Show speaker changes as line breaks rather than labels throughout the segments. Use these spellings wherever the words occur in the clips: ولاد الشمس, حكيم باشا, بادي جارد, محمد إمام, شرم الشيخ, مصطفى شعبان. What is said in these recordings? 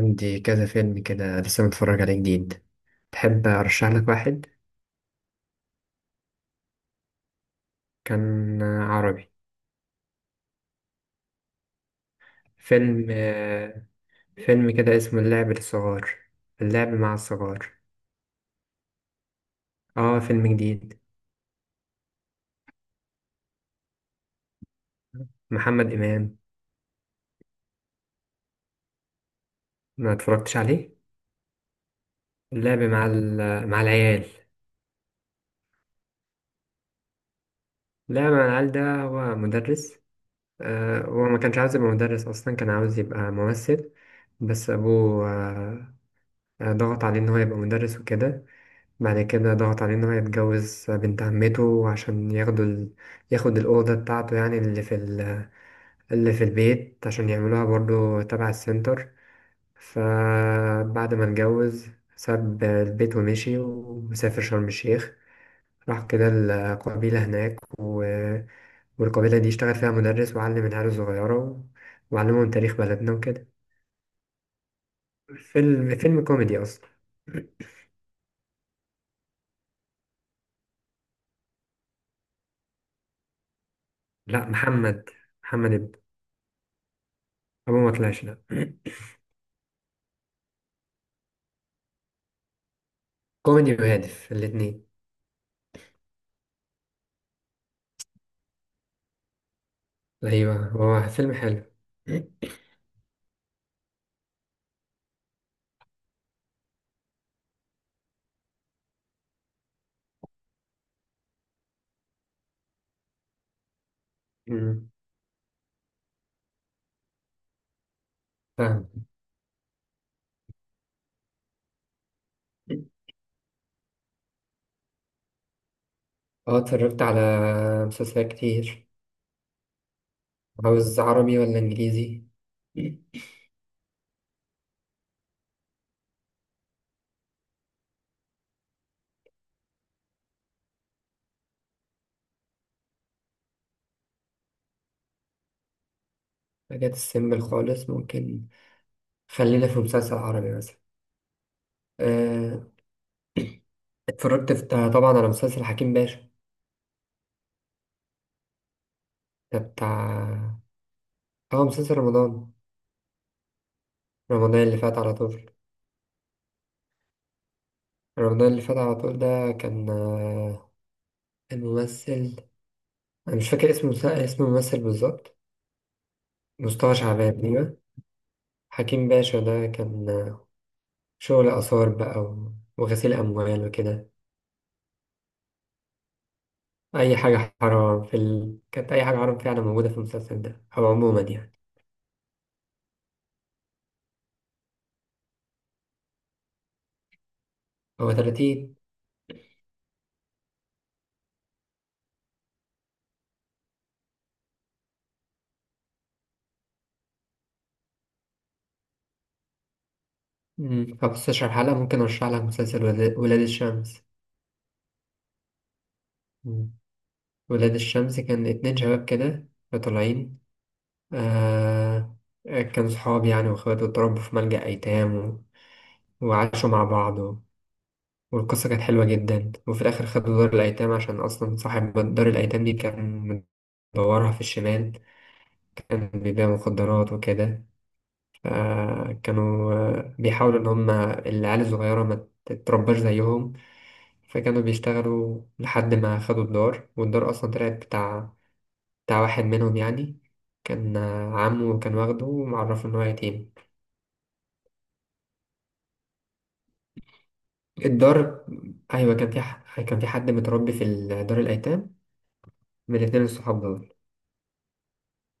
عندي كذا فيلم كده لسه متفرج عليه جديد. تحب أرشح لك واحد؟ كان عربي. فيلم فيلم كده اسمه اللعب للصغار. اللعب مع الصغار. اه، فيلم جديد. محمد إمام. ما اتفرجتش عليه. اللعب مع مع العيال. اللعب مع العيال ده هو مدرس. هو ما كانش عاوز يبقى مدرس أصلا، كان عاوز يبقى ممثل. بس أبوه ضغط عليه إن هو يبقى مدرس وكده. بعد كده ضغط عليه إن هو يتجوز بنت عمته عشان ياخدوا ياخد الأوضة بتاعته، يعني اللي في اللي في البيت عشان يعملوها برضو تبع السنتر. فبعد ما اتجوز ساب البيت ومشي وسافر شرم الشيخ. راح كده القبيلة هناك والقبيلة دي اشتغل فيها مدرس وعلم العيال الصغيرة وعلمهم تاريخ بلدنا وكده. فيلم كوميدي أصلا. لا، محمد. محمد ابنه. أبوه ما طلعش، لا. كوميدي وهادف، الاتنين. ايوه، هو فيلم حلو. أمم. فاهم. اه، اتفرجت على مسلسلات كتير. عاوز عربي ولا انجليزي؟ حاجات السيمبل خالص ممكن. خلينا في مسلسل عربي مثلا. آه، اتفرجت في، طبعا، على مسلسل حكيم باشا. ده بتاع. اه، مسلسل رمضان. رمضان اللي فات على طول. رمضان اللي فات على طول ده كان الممثل، انا مش فاكر اسم اسم الممثل بالظبط. مصطفى شعبان، أيوة. حكيم باشا ده كان شغل آثار بقى وغسيل أموال وكده. أي حاجة حرام في كانت أي حاجة حرام فعلا موجودة في المسلسل ده أو عموما يعني. هو 30. مم. 15 حلقة. ممكن أرشح لك مسلسل ولاد الشمس. مم. ولاد الشمس كان اتنين شباب كده طالعين. آه. كانوا صحاب يعني وإخوات، واتربوا في ملجأ أيتام وعاشوا مع بعض. والقصة كانت حلوة جدا، وفي الآخر خدوا دار الأيتام عشان أصلا صاحب دار الأيتام دي كان مدورها في الشمال. كان بيبيع مخدرات وكده. فكانوا بيحاولوا إن هما العيال الصغيرة ما تترباش زيهم. فكانوا بيشتغلوا لحد ما خدوا الدار، والدار أصلا طلعت بتاع واحد منهم يعني. كان عمه كان واخده ومعرفه إن هو يتيم. الدار، أيوة، كان في كان في حد متربي في دار الأيتام. من الاتنين الصحاب دول.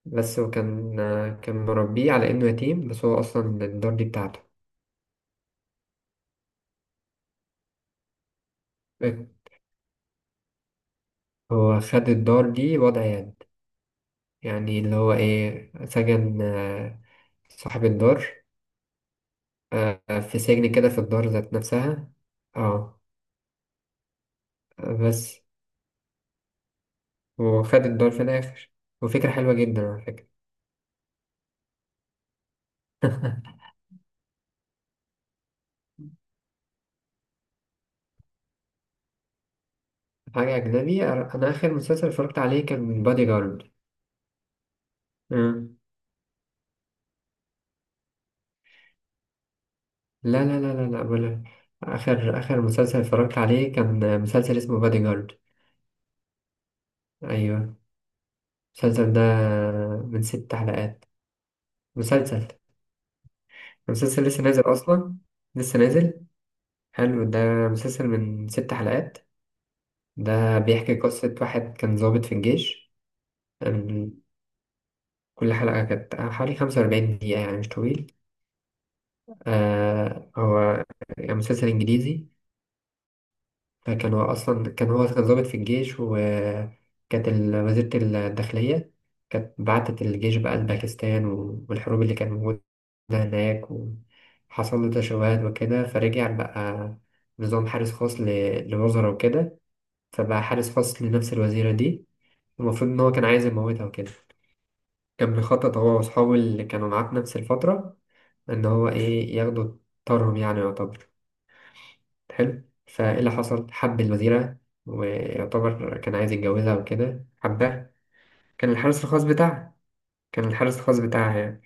بس، وكان مربيه على إنه يتيم بس هو أصلا الدار دي بتاعته. هو خد الدار دي وضع يد، يعني اللي هو إيه سجن صاحب الدار في سجن كده في الدار ذات نفسها. اه. بس وخد الدار في الآخر. وفكرة حلوة جدا على فكرة. حاجة أجنبي؟ أنا آخر مسلسل اتفرجت عليه كان بادي جارد. مم. لا لا لا لا لا، ولا آخر مسلسل اتفرجت عليه كان مسلسل اسمه بادي جارد. أيوه. المسلسل ده من ست حلقات. مسلسل. المسلسل لسه نازل أصلا. لسه نازل. حلو ده. مسلسل من ست حلقات. ده بيحكي قصة واحد كان ضابط في الجيش. أم، كل حلقة كانت حوالي خمسة وأربعين دقيقة، يعني مش طويل. آه، هو مسلسل إنجليزي. كان هو أصلا، كان ضابط في الجيش، وكانت وزيرة الداخلية كانت بعتت الجيش بقى لباكستان والحروب اللي كانت موجودة هناك. وحصل له تشوهات وكده فرجع بقى نظام حارس خاص لوزراء وكده. فبقى حارس خاص لنفس الوزيرة دي. المفروض إن هو كان عايز يموتها وكده. كان بيخطط هو وأصحابه اللي كانوا معاه في نفس الفترة إن هو إيه ياخدوا طارهم، يعني يعتبر. حلو، فايه اللي حصل؟ حب الوزيرة ويعتبر كان عايز يتجوزها وكده، حبها. كان الحارس الخاص بتاعها. كان الحارس الخاص بتاعها يعني.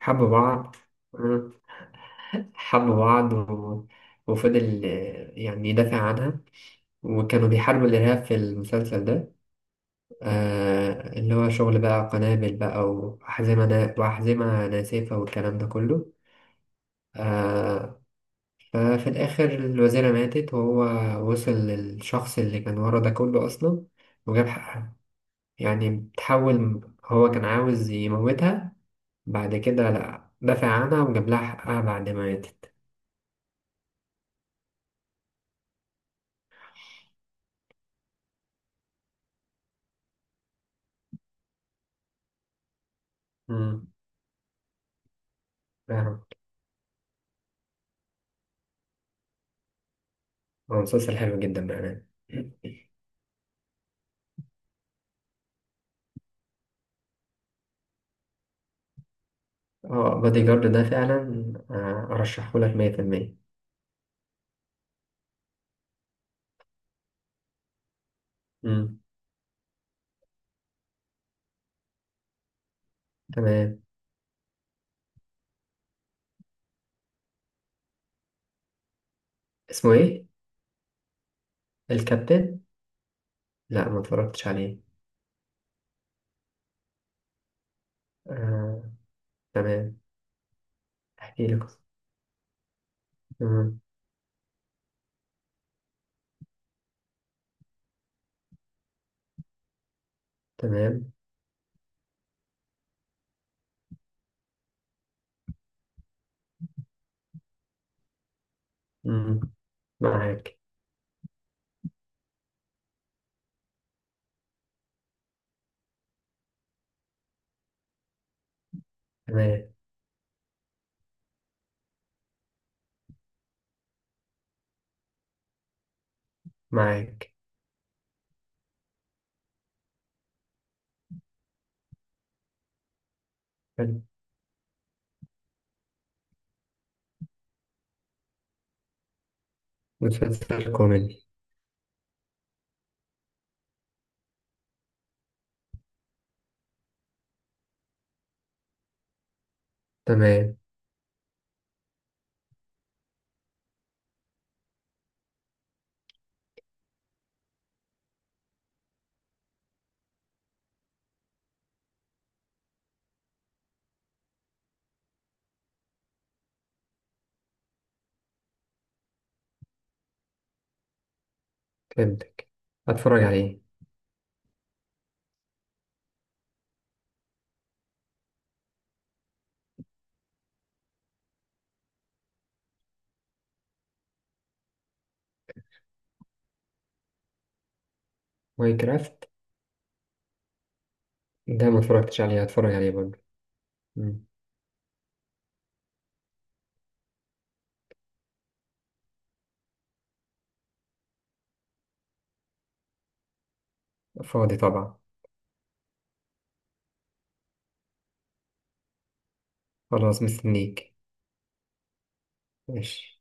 حبوا بعض. مم. حبوا بعض وفضل يعني يدافع عنها. وكانوا بيحاربوا الإرهاب في المسلسل ده. آه، اللي هو شغل بقى قنابل بقى وأحزمة ناسفة والكلام ده كله. آه. ففي الآخر الوزيرة ماتت، وهو وصل للشخص اللي كان ورا ده كله أصلا وجاب حقها. يعني بتحول، هو كان عاوز يموتها، بعد كده لأ، دافع عنها وجاب لها حقها بعد ما ماتت. مم. فاهم. هو مسلسل حلو جدا بأمانة. اه، بادي جارد ده فعلا أرشحه لك مية في المية. مم. تمام. اسمه إيه؟ الكابتن؟ لأ، ما اتفرجتش عليه. آه، تمام. احكي لك. تمام. تمام. مم. معاك. تمام. معاك. حلو. مسلسل كوميدي. تمام. فهمتك. هتفرج عليه. ماينكرافت؟ ده ما اتفرجتش عليه، هتفرج عليه برضه. مم. فاضي طبعا. خلاص، مستنيك. ماشي